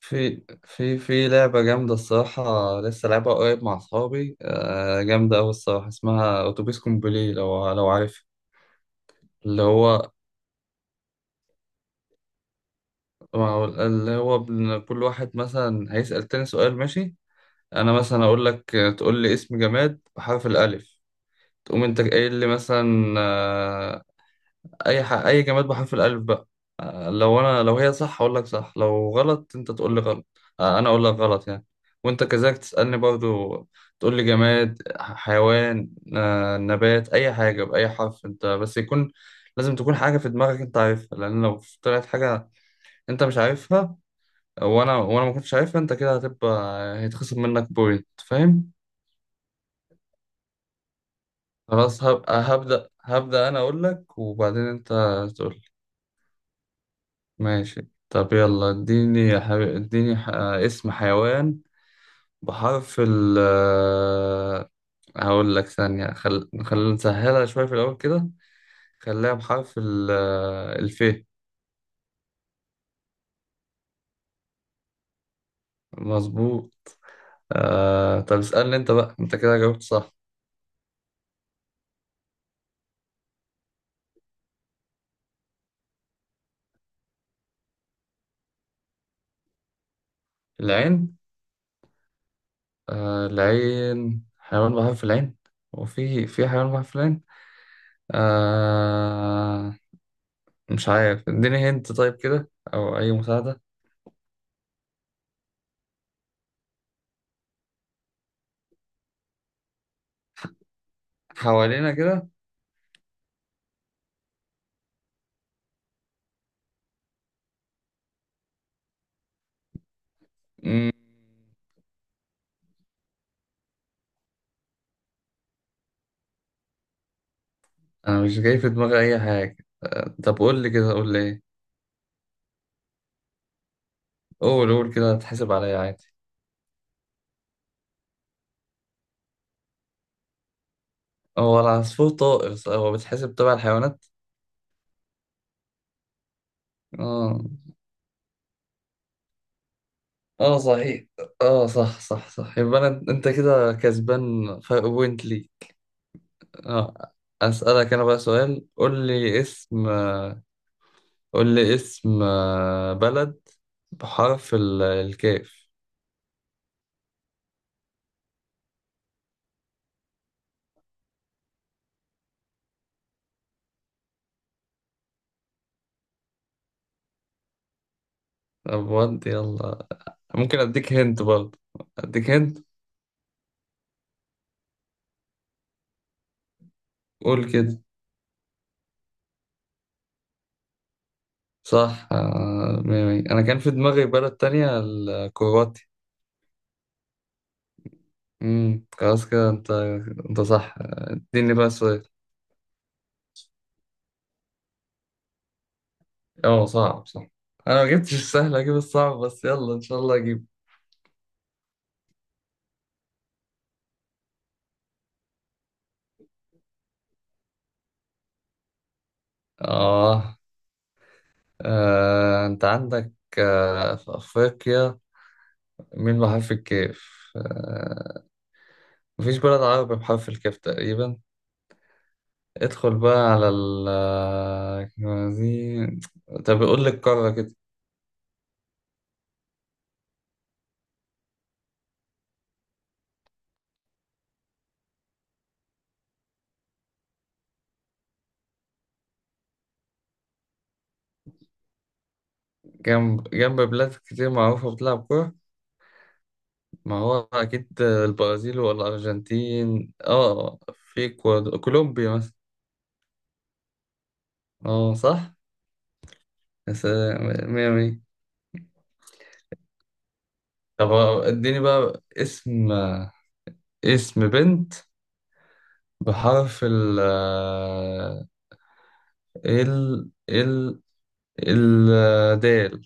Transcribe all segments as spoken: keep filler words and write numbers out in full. في في في لعبة جامدة الصراحة. لسه لعبها قريب مع أصحابي، آه، جامدة أوي الصراحة. اسمها أتوبيس كومبلي، لو لو عارف. اللي هو، اللي هو بن- كل واحد مثلا هيسأل تاني سؤال، ماشي؟ أنا مثلا أقول لك: تقول لي اسم جماد بحرف الألف. تقوم أنت قايل لي مثلا، آه، اي ح... اي جماد بحرف الالف بقى. آه، لو انا، لو هي صح اقول لك صح، لو غلط انت تقول لي غلط. آه، انا اقول لك غلط يعني. وانت كذلك تسالني برضو. تقول لي جماد، ح- حيوان، آه، نبات، اي حاجه باي حرف انت، بس يكون لازم تكون حاجه في دماغك انت عارفها، لان لو طلعت حاجه انت مش عارفها وانا وانا ما كنتش عارفها انت كده هتبقى هيتخصم منك بوينت، فاهم؟ خلاص هبقى هبدا هبدا انا اقول لك وبعدين انت تقول. ماشي طب يلا اديني يا حبيبي، اديني ح... اسم حيوان بحرف ال، هقول لك ثانية. خل... خلينا نسهلها شوية في الأول كده. خليها بحرف ال الف. مظبوط. آه... طب اسألني انت بقى، انت كده جاوبت صح. العين؟ آه... العين، حيوان بحرف العين؟ هو في في حيوان بحرف العين؟ آه... مش عارف، اديني هنت طيب كده أو أي مساعدة. حوالينا كده؟ مم. انا مش جاي في دماغي اي حاجه، آه، طب قول لي كده، قول لي ايه. قول، قول كده هتحسب عليا عادي. هو العصفور طائر صح؟ هو بيتحسب تبع الحيوانات؟ اه. اه صحيح. اه، صح صح صح، يبقى انا، انت كده كسبان فرق بوينت لي. اه. اسالك انا بقى سؤال، قول لي اسم، قول لي اسم، آه، بلد بحرف ال- الكاف. طب ودي يلا، ممكن اديك هنت برضه. اديك هنت. قول كده. صح، آه، مية مية. انا كان في دماغي بلد تانية، الكرواتي. امم، خلاص كده انت، انت صح. آه، اديني بقى سؤال. اه صعب صح، انا ما جبتش السهل اجيب الصعب، بس يلا ان شاء الله اجيب. اه. آه. انت عندك آه. في افريقيا مين بحرف الكاف؟ آه. مفيش بلد عربي بحرف الكاف تقريبا. ادخل بقى على ال آه، دي. طب قول لي القارة كده. جنب، جنب بلاد كتير معروفة بتلعب كورة؟ ما هو أكيد البرازيل ولا الأرجنتين. اه، في كواد- كولومبيا مثلا. اه صح. يا سلام، مية مية. طب اديني بقى اسم، اسم بنت بحرف ال ال ال الدال.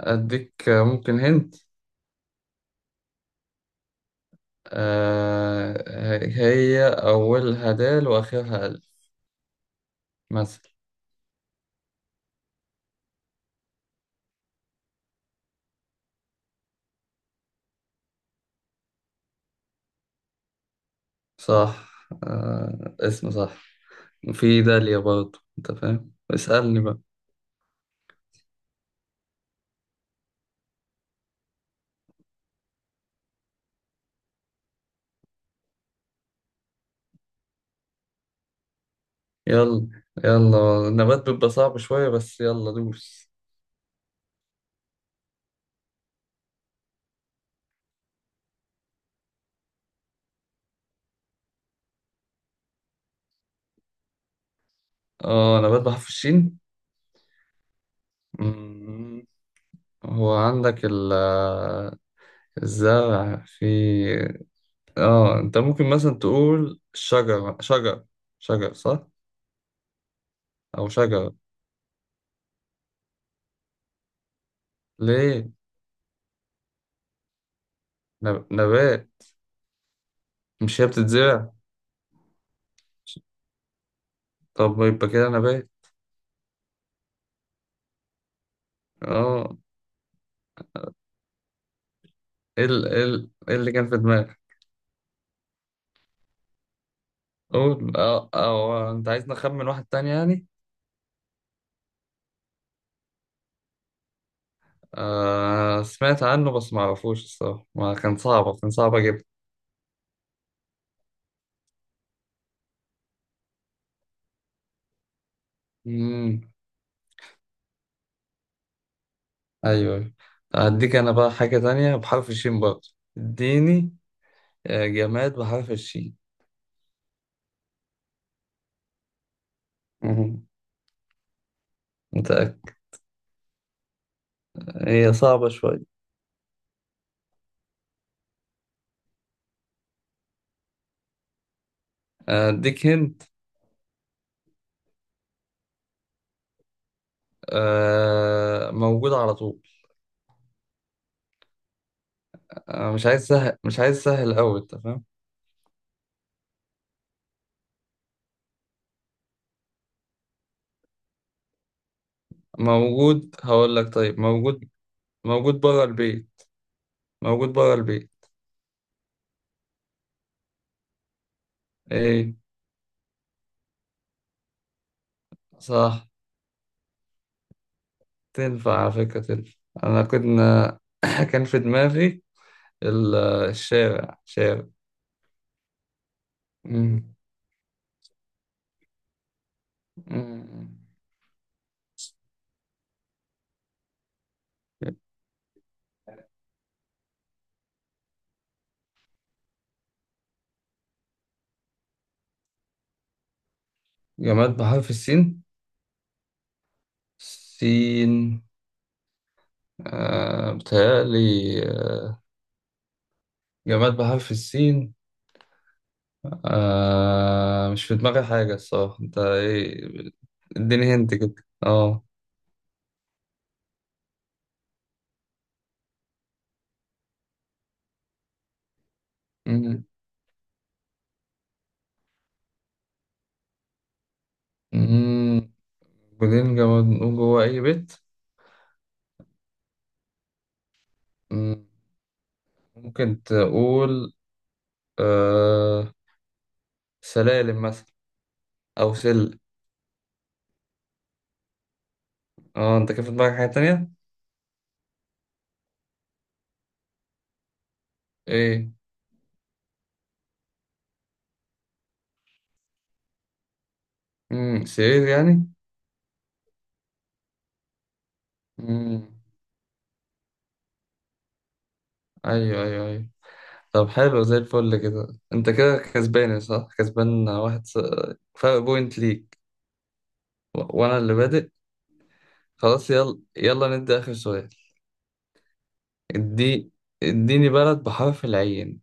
أديك ممكن هنت. آه، هي أولها دال وآخرها ألف مثلا. صح. آه، اسم صح. في داليا برضه أنت فاهم. اسألني بقى. يلا يلا، النبات بيبقى صعب شوية بس يلا دوس. اه، نبات بحرف الشين. مم. هو عندك ال الزرع، في اه، انت ممكن مثلا تقول شجر، شجر، شجر صح؟ او شجر، ليه؟ نب- نبات، مش هي بتتزرع؟ طب يبقى كده نبات. اه، ايه ال- ايه ال- إيه اللي كان في دماغك؟ قول. اه، او انت عايزني اخمن واحد تاني يعني؟ آه سمعت عنه بس ما اعرفوش الصراحة، ما كان صعب، كان صعب اجيب. امم. ايوه، أيوة. اديك انا بقى حاجة تانية بحرف الشين برضه. اديني آه، جماد بحرف الشين. مهم. متأكد. هي صعبة شوية. اديك هنت. آه، موجود على طول. آه مش عايز سهل، مش عايز سهل قوي، انت فاهم. موجود، هقول لك طيب، موجود، موجود بره البيت، موجود بره البيت. ايه؟ صح. تنفع على فكرة، تنفع. أنا كنا كان في دماغي ال- آه، الشارع، شارع. مم. مم. جماد بحرف السين. سين، آه بتهيألي، آه، جماد بحرف السين. آه، مش في دماغي حاجة الصراحة، أنت إيه؟ اديني هنت كده. أه. مم. مم. بعدين جماد نقول جوه أي بيت؟ مم. ممكن تقول آه سلالم مثلا، او سل. اه، انت كان في دماغك حاجة تانية؟ ايه؟ امم، سرير يعني. امم. ايوه، ايوه، ايوه. طب حلو زي الفل كده. انت كده كسبان صح، كسبان واحد س... فرق بوينت ليك. و... وانا اللي بادئ. خلاص يلا، يلا ندي اخر سؤال. ادي، اديني بلد بحرف العين.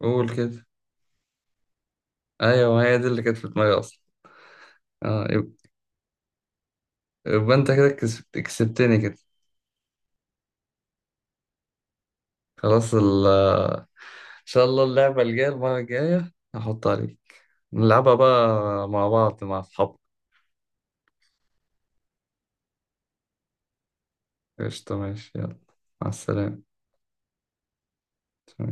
قول كده. ايوه، ما هي دي اللي كانت في دماغي اصلا. اه، يب- يبقى انت كده كسبت... كسبتني كده. خلاص ال... ان شاء الله اللعبة الجاية، المرة الجاية هحط عليك، نلعبها بقى مع بعض، مع أصحابك. قشطة ماشي، يلا، مع السلامة.